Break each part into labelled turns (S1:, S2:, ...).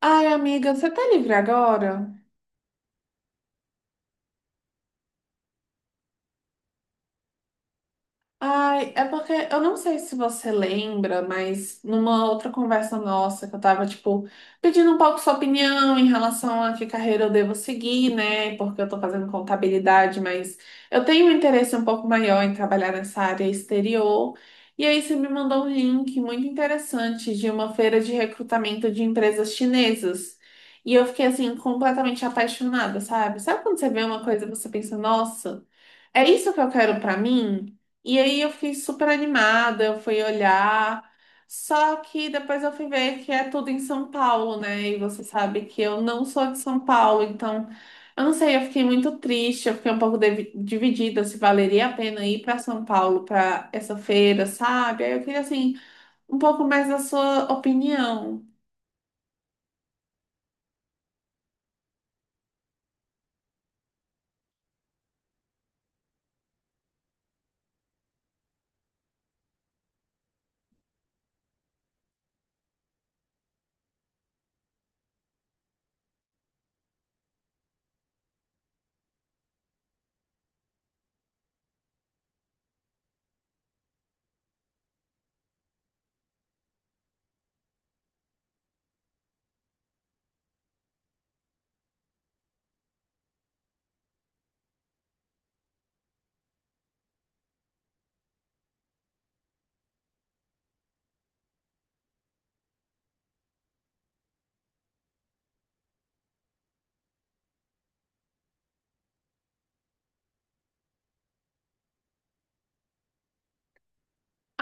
S1: Ai, amiga, você tá livre agora? Ai, é porque eu não sei se você lembra, mas numa outra conversa nossa que eu tava, tipo, pedindo um pouco sua opinião em relação a que carreira eu devo seguir, né? Porque eu tô fazendo contabilidade, mas eu tenho um interesse um pouco maior em trabalhar nessa área exterior. E aí você me mandou um link muito interessante de uma feira de recrutamento de empresas chinesas. E eu fiquei assim completamente apaixonada, sabe? Sabe quando você vê uma coisa e você pensa, nossa, é isso que eu quero pra mim? E aí eu fiquei super animada, eu fui olhar. Só que depois eu fui ver que é tudo em São Paulo, né? E você sabe que eu não sou de São Paulo, então eu não sei, eu fiquei muito triste, eu fiquei um pouco dividida se valeria a pena ir para São Paulo para essa feira, sabe? Aí eu queria assim um pouco mais da sua opinião.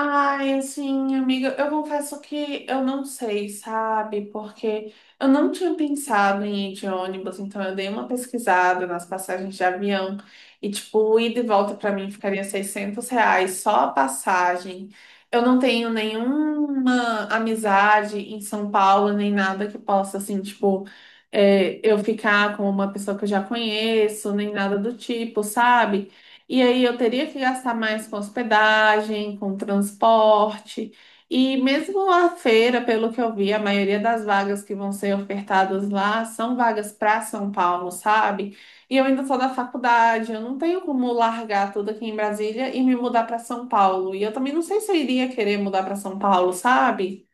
S1: Ai, assim, amiga, eu confesso que eu não sei, sabe? Porque eu não tinha pensado em ir de ônibus, então eu dei uma pesquisada nas passagens de avião e, tipo, ida e volta pra mim ficaria R$ 600 só a passagem. Eu não tenho nenhuma amizade em São Paulo, nem nada que possa, assim, tipo, eu ficar com uma pessoa que eu já conheço, nem nada do tipo, sabe? E aí eu teria que gastar mais com hospedagem, com transporte. E mesmo a feira, pelo que eu vi, a maioria das vagas que vão ser ofertadas lá são vagas para São Paulo, sabe? E eu ainda sou da faculdade, eu não tenho como largar tudo aqui em Brasília e me mudar para São Paulo. E eu também não sei se eu iria querer mudar para São Paulo, sabe?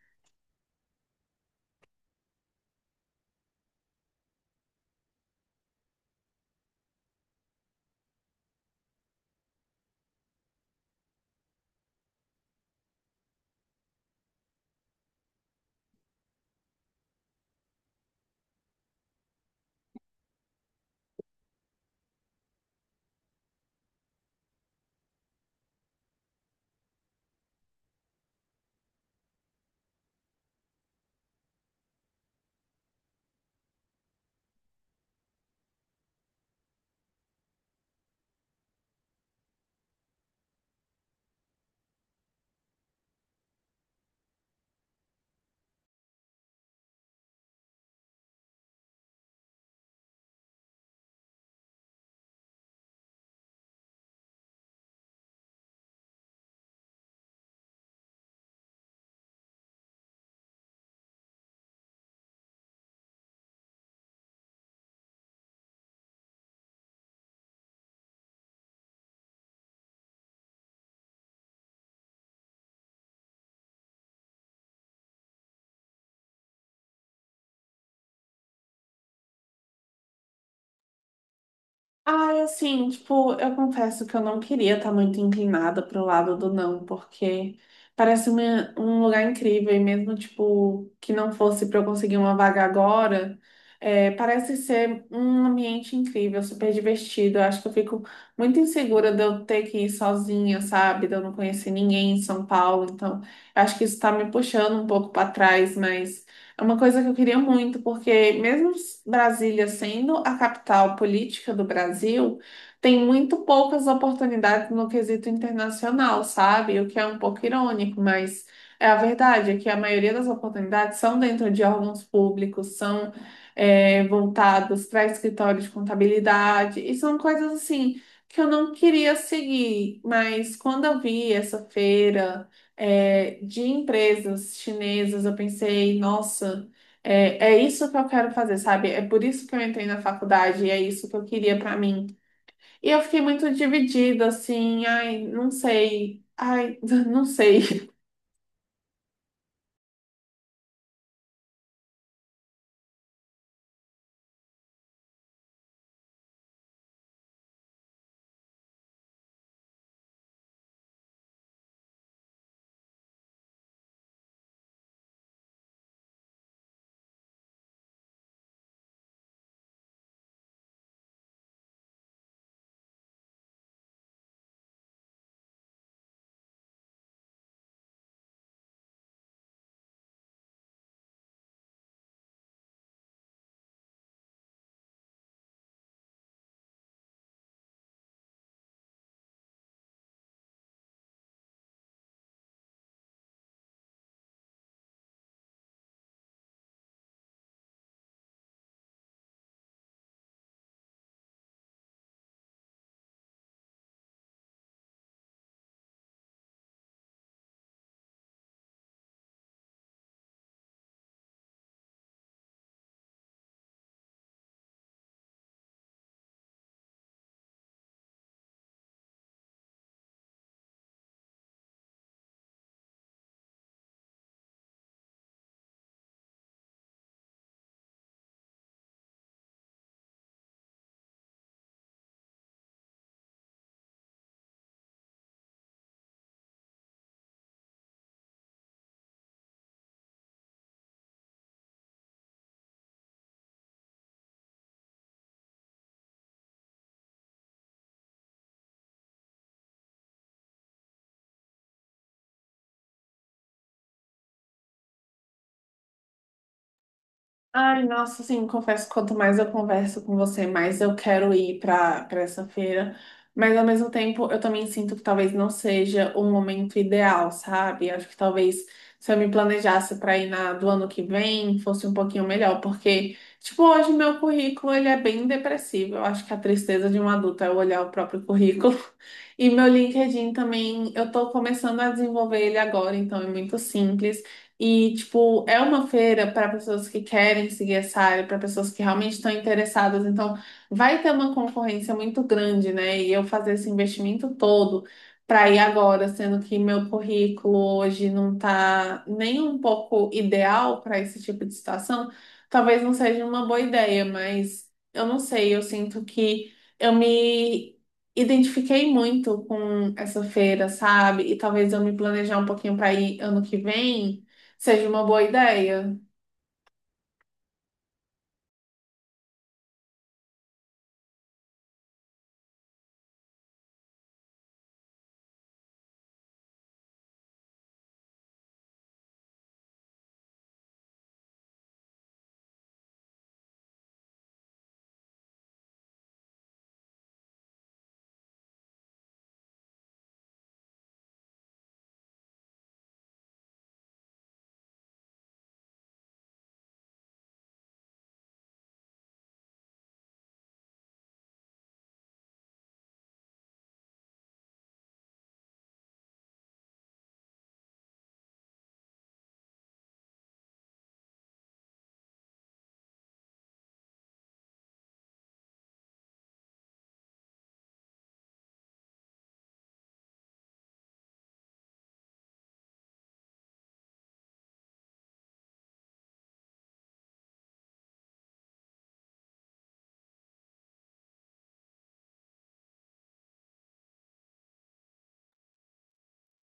S1: Ai, assim, tipo, eu confesso que eu não queria estar muito inclinada pro lado do não, porque parece um lugar incrível, e mesmo, tipo, que não fosse para eu conseguir uma vaga agora, é, parece ser um ambiente incrível, super divertido. Eu acho que eu fico muito insegura de eu ter que ir sozinha, sabe? De eu não conhecer ninguém em São Paulo, então eu acho que isso tá me puxando um pouco para trás, mas. É uma coisa que eu queria muito, porque mesmo Brasília sendo a capital política do Brasil, tem muito poucas oportunidades no quesito internacional, sabe? O que é um pouco irônico, mas é a verdade, é que a maioria das oportunidades são dentro de órgãos públicos, são, é, voltados para escritórios de contabilidade, e são coisas assim que eu não queria seguir, mas quando eu vi essa feira de empresas chinesas, eu pensei, nossa, é isso que eu quero fazer, sabe? É por isso que eu entrei na faculdade, é isso que eu queria pra mim. E eu fiquei muito dividida, assim, ai, não sei, ai, não sei. Ai, nossa, assim, confesso que quanto mais eu converso com você, mais eu quero ir para essa feira. Mas ao mesmo tempo, eu também sinto que talvez não seja o momento ideal, sabe? Acho que talvez se eu me planejasse para ir na do ano que vem, fosse um pouquinho melhor, porque tipo, hoje meu currículo ele é bem depressivo. Eu acho que a tristeza de um adulto é olhar o próprio currículo. E meu LinkedIn também, eu tô começando a desenvolver ele agora, então é muito simples. E, tipo, é uma feira para pessoas que querem seguir essa área, para pessoas que realmente estão interessadas. Então, vai ter uma concorrência muito grande, né? E eu fazer esse investimento todo para ir agora, sendo que meu currículo hoje não está nem um pouco ideal para esse tipo de situação, talvez não seja uma boa ideia, mas eu não sei, eu sinto que eu me identifiquei muito com essa feira, sabe? E talvez eu me planejar um pouquinho para ir ano que vem seja uma boa ideia.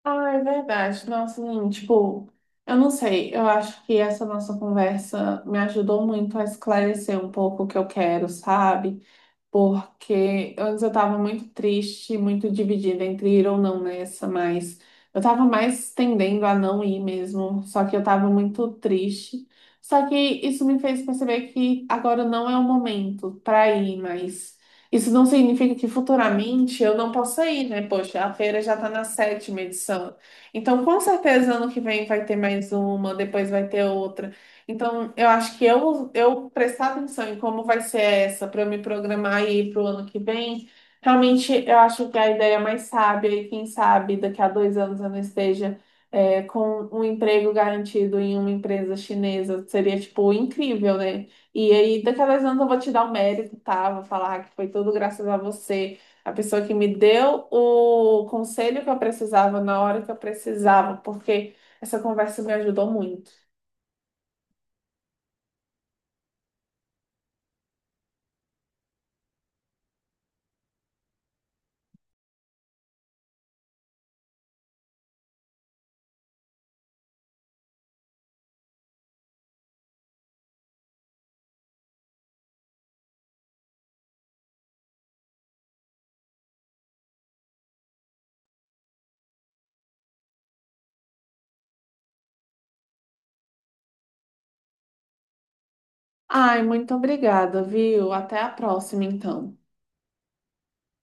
S1: Ah, é verdade. Nossa, assim, tipo, eu não sei. Eu acho que essa nossa conversa me ajudou muito a esclarecer um pouco o que eu quero, sabe? Porque antes eu estava muito triste, muito dividida entre ir ou não nessa, mas eu estava mais tendendo a não ir mesmo, só que eu estava muito triste. Só que isso me fez perceber que agora não é o momento para ir, mas isso não significa que futuramente eu não possa ir, né? Poxa, a feira já está na sétima edição. Então, com certeza, ano que vem vai ter mais uma, depois vai ter outra. Então, eu acho que eu, prestar atenção em como vai ser essa para eu me programar aí para o ano que vem, realmente eu acho que a ideia é mais sábia e quem sabe daqui a 2 anos eu não esteja com um emprego garantido em uma empresa chinesa. Seria, tipo, incrível, né? E aí, daqui a dois anos eu vou te dar o mérito, tá? Vou falar que foi tudo graças a você, a pessoa que me deu o conselho que eu precisava na hora que eu precisava, porque essa conversa me ajudou muito. Ai, muito obrigada, viu? Até a próxima, então.